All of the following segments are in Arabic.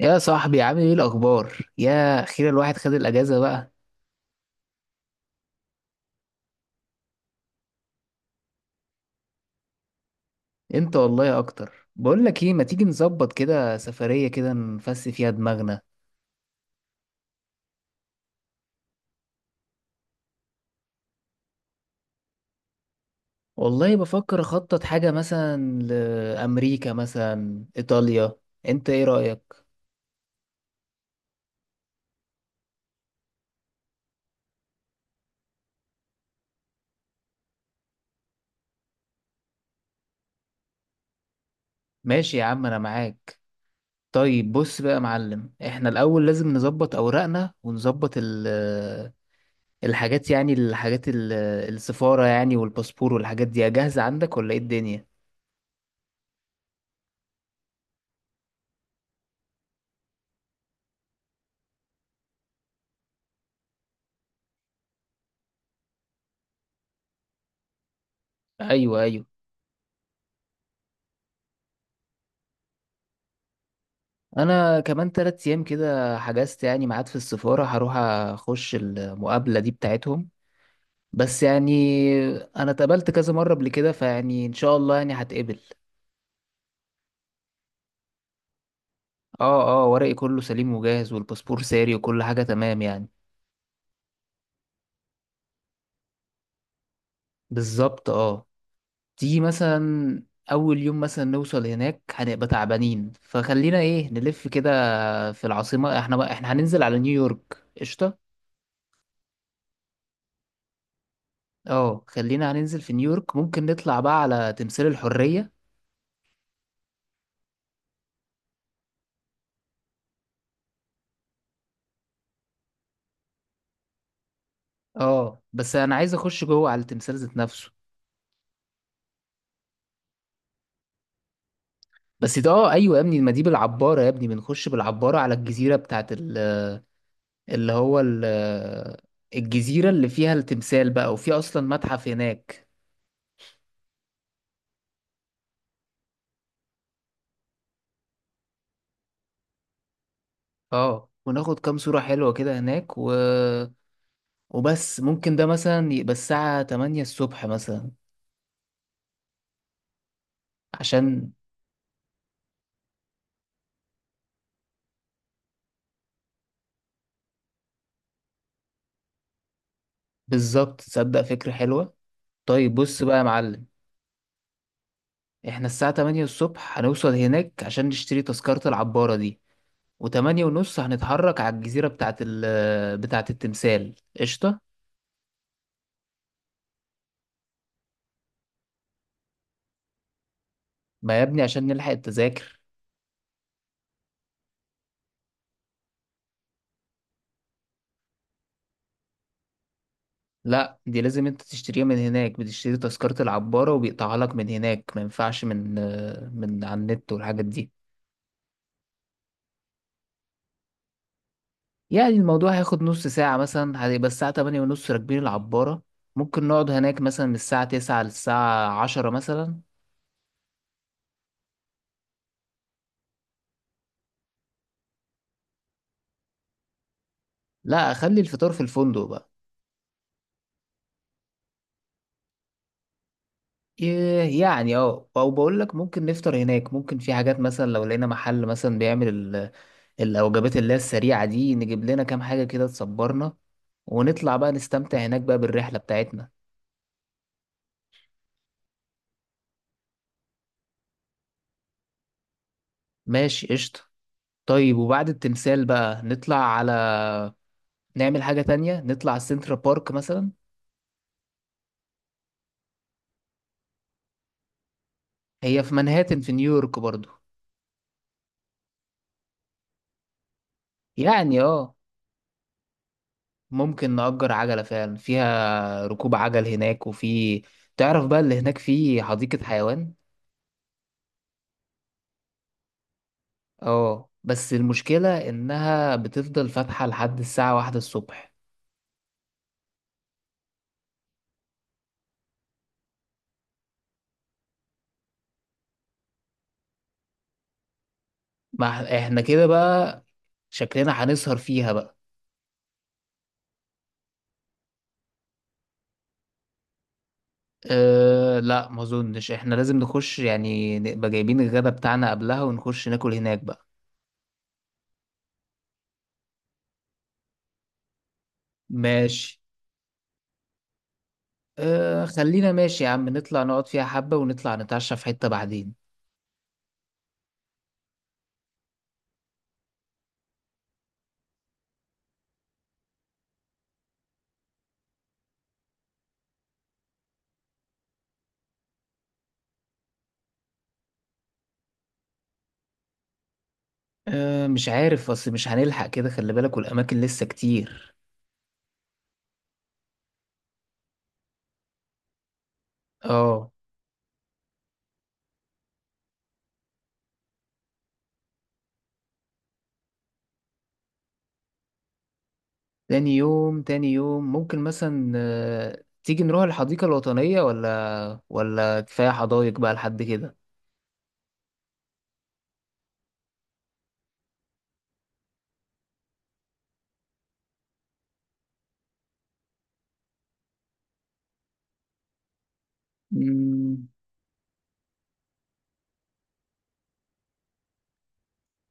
يا صاحبي، عامل ايه الاخبار؟ يا اخيرا الواحد خد الاجازه بقى. انت والله اكتر. بقول لك ايه، ما تيجي نظبط كده سفريه كده نفس فيها دماغنا؟ والله بفكر اخطط حاجه، مثلا لامريكا مثلا ايطاليا. انت ايه رايك؟ ماشي يا عم، انا معاك. طيب بص بقى يا معلم، احنا الاول لازم نظبط اوراقنا ونظبط ال آه، الحاجات، يعني الحاجات السفاره، يعني والباسبور والحاجات دي جاهزه عندك ولا ايه الدنيا؟ ايوه، ايوه. انا كمان 3 ايام كده حجزت يعني ميعاد في السفارة، هروح اخش المقابلة دي بتاعتهم. بس يعني انا اتقابلت كذا مرة قبل كده، فيعني ان شاء الله يعني هتقبل. اه، اه، ورقي كله سليم وجاهز والباسبور ساري وكل حاجة تمام يعني. بالظبط، اه. تيجي مثلا اول يوم مثلا نوصل هناك، هنبقى تعبانين، فخلينا ايه، نلف كده في العاصمة. احنا هننزل على نيويورك. قشطة. اه، خلينا هننزل في نيويورك، ممكن نطلع بقى على تمثال الحرية. اه، بس انا عايز اخش جوه على التمثال ذات نفسه. بس ده، ايوه يا ابني، ما دي بالعباره يا ابني، بنخش بالعباره على الجزيره بتاعت اللي هو ال- الجزيره اللي فيها التمثال بقى، وفي اصلا متحف هناك. اه، وناخد كام صوره حلوه كده هناك، و... وبس ممكن ده مثلا يبقى الساعه 8 الصبح مثلا عشان. بالظبط، تصدق فكره حلوه. طيب بص بقى يا معلم، احنا الساعه 8 الصبح هنوصل هناك عشان نشتري تذكره العباره دي، وتمانية ونص هنتحرك على الجزيرة بتاعة التمثال. قشطة. ما يا ابني عشان نلحق التذاكر. لا، دي لازم انت تشتريها من هناك، بتشتري تذكرة العبارة وبيقطعها لك من هناك، ما ينفعش من على النت والحاجات دي. يعني الموضوع هياخد نص ساعة مثلا، هيبقى الساعة 8:30 راكبين العبارة. ممكن نقعد هناك مثلا من الساعة 9 للساعة عشرة مثلا. لا، أخلي الفطار في الفندق بقى. يعني او بقول لك ممكن نفطر هناك، ممكن في حاجات مثلا لو لقينا محل مثلا بيعمل الوجبات اللي هي السريعة دي، نجيب لنا كام حاجة كده تصبرنا ونطلع بقى نستمتع هناك بقى بالرحلة بتاعتنا. ماشي، قشطة. طيب وبعد التمثال بقى نطلع على نعمل حاجة تانية، نطلع السنترا بارك مثلا. هي في منهاتن في نيويورك برضو. يعني ممكن نأجر عجلة فعلا، فيها ركوب عجل هناك، وفي، تعرف بقى، اللي هناك فيه حديقة حيوان. اه، بس المشكلة انها بتفضل فاتحة لحد الساعة 1 الصبح. ما احنا كده بقى شكلنا هنسهر فيها بقى. أه لا، ما اظنش، احنا لازم نخش يعني، نبقى جايبين الغدا بتاعنا قبلها ونخش ناكل هناك بقى. ماشي. خلينا ماشي يا عم، نطلع نقعد فيها حبة ونطلع نتعشى في حتة بعدين. أه، مش عارف، اصل مش هنلحق كده خلي بالك، والاماكن لسه كتير. اه. تاني يوم، تاني يوم ممكن مثلا تيجي نروح الحديقة الوطنية، ولا كفاية حدايق بقى لحد كده. مم.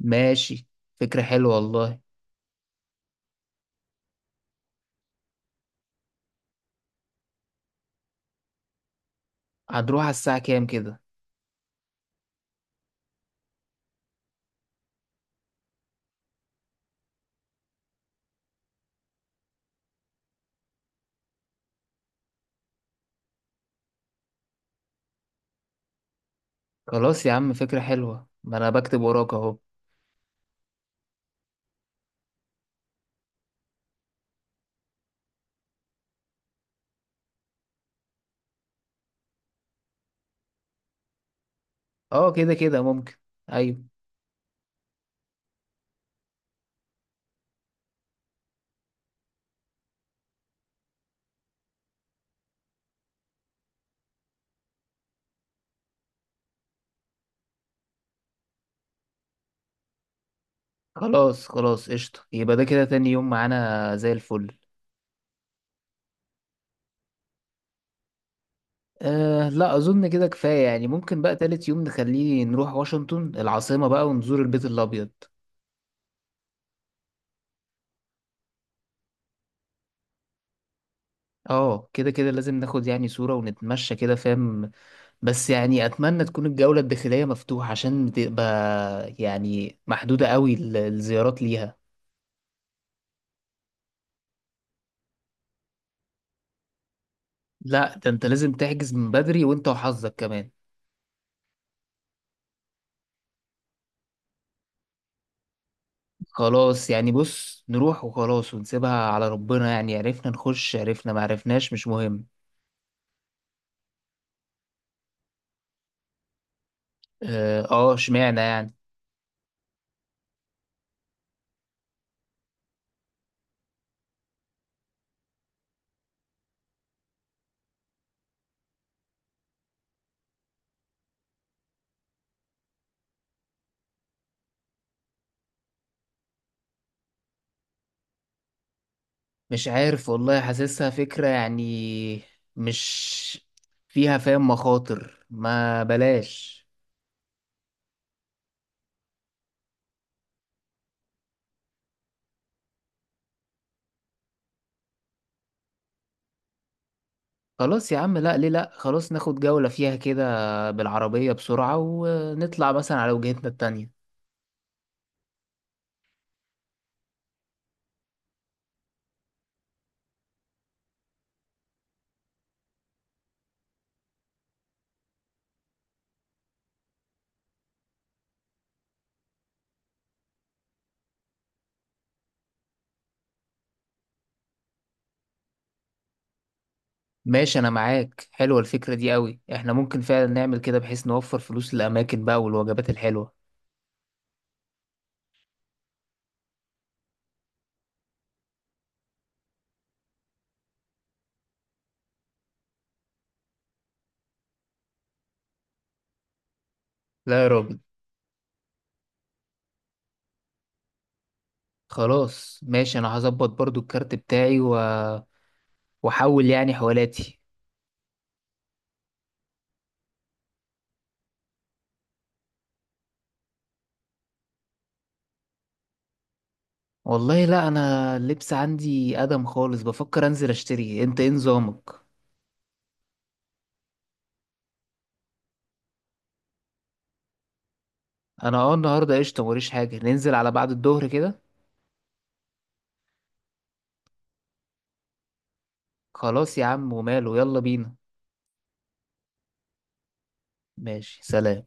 ماشي، فكرة حلوة والله. هنروح على الساعة كام كده؟ خلاص يا عم، فكرة حلوة، ما أنا بكتب وراك أهو. أه، كده كده ممكن. أيوة. خلاص خلاص، قشطة، يبقى ده كده تاني يوم معانا زي الفل. أه لا، أظن كده كفاية يعني. ممكن بقى تالت يوم نخليه نروح واشنطن العاصمة بقى ونزور البيت الأبيض. اه، كده كده لازم ناخد يعني صورة ونتمشى كده، فاهم؟ بس يعني اتمنى تكون الجولة الداخلية مفتوحة، عشان تبقى يعني محدودة قوي الزيارات ليها. لا ده انت لازم تحجز من بدري، وانت وحظك كمان. خلاص يعني، بص نروح وخلاص ونسيبها على ربنا، يعني عرفنا نخش عرفنا، ما عرفناش مش مهم. اه، اشمعنى يعني؟ مش عارف والله، حاسسها فكرة يعني، مش فيها فاهم مخاطر، ما بلاش. خلاص يا عم، لا ليه، لا خلاص، ناخد جولة فيها كده بالعربية بسرعة ونطلع مثلا على وجهتنا التانية. ماشي أنا معاك، حلوة الفكرة دي قوي، إحنا ممكن فعلا نعمل كده بحيث نوفر فلوس للأماكن بقى والوجبات الحلوة. لا يا راجل. خلاص ماشي، أنا هظبط برضو الكارت بتاعي و... وأحول يعني حوالاتي. والله لا، أنا اللبس عندي أدم خالص، بفكر أنزل أشتري، أنت إيه نظامك؟ أنا أه، النهاردة قشطة، موريش حاجة، ننزل على بعد الظهر كده. خلاص يا عم وماله، يلا بينا. ماشي، سلام.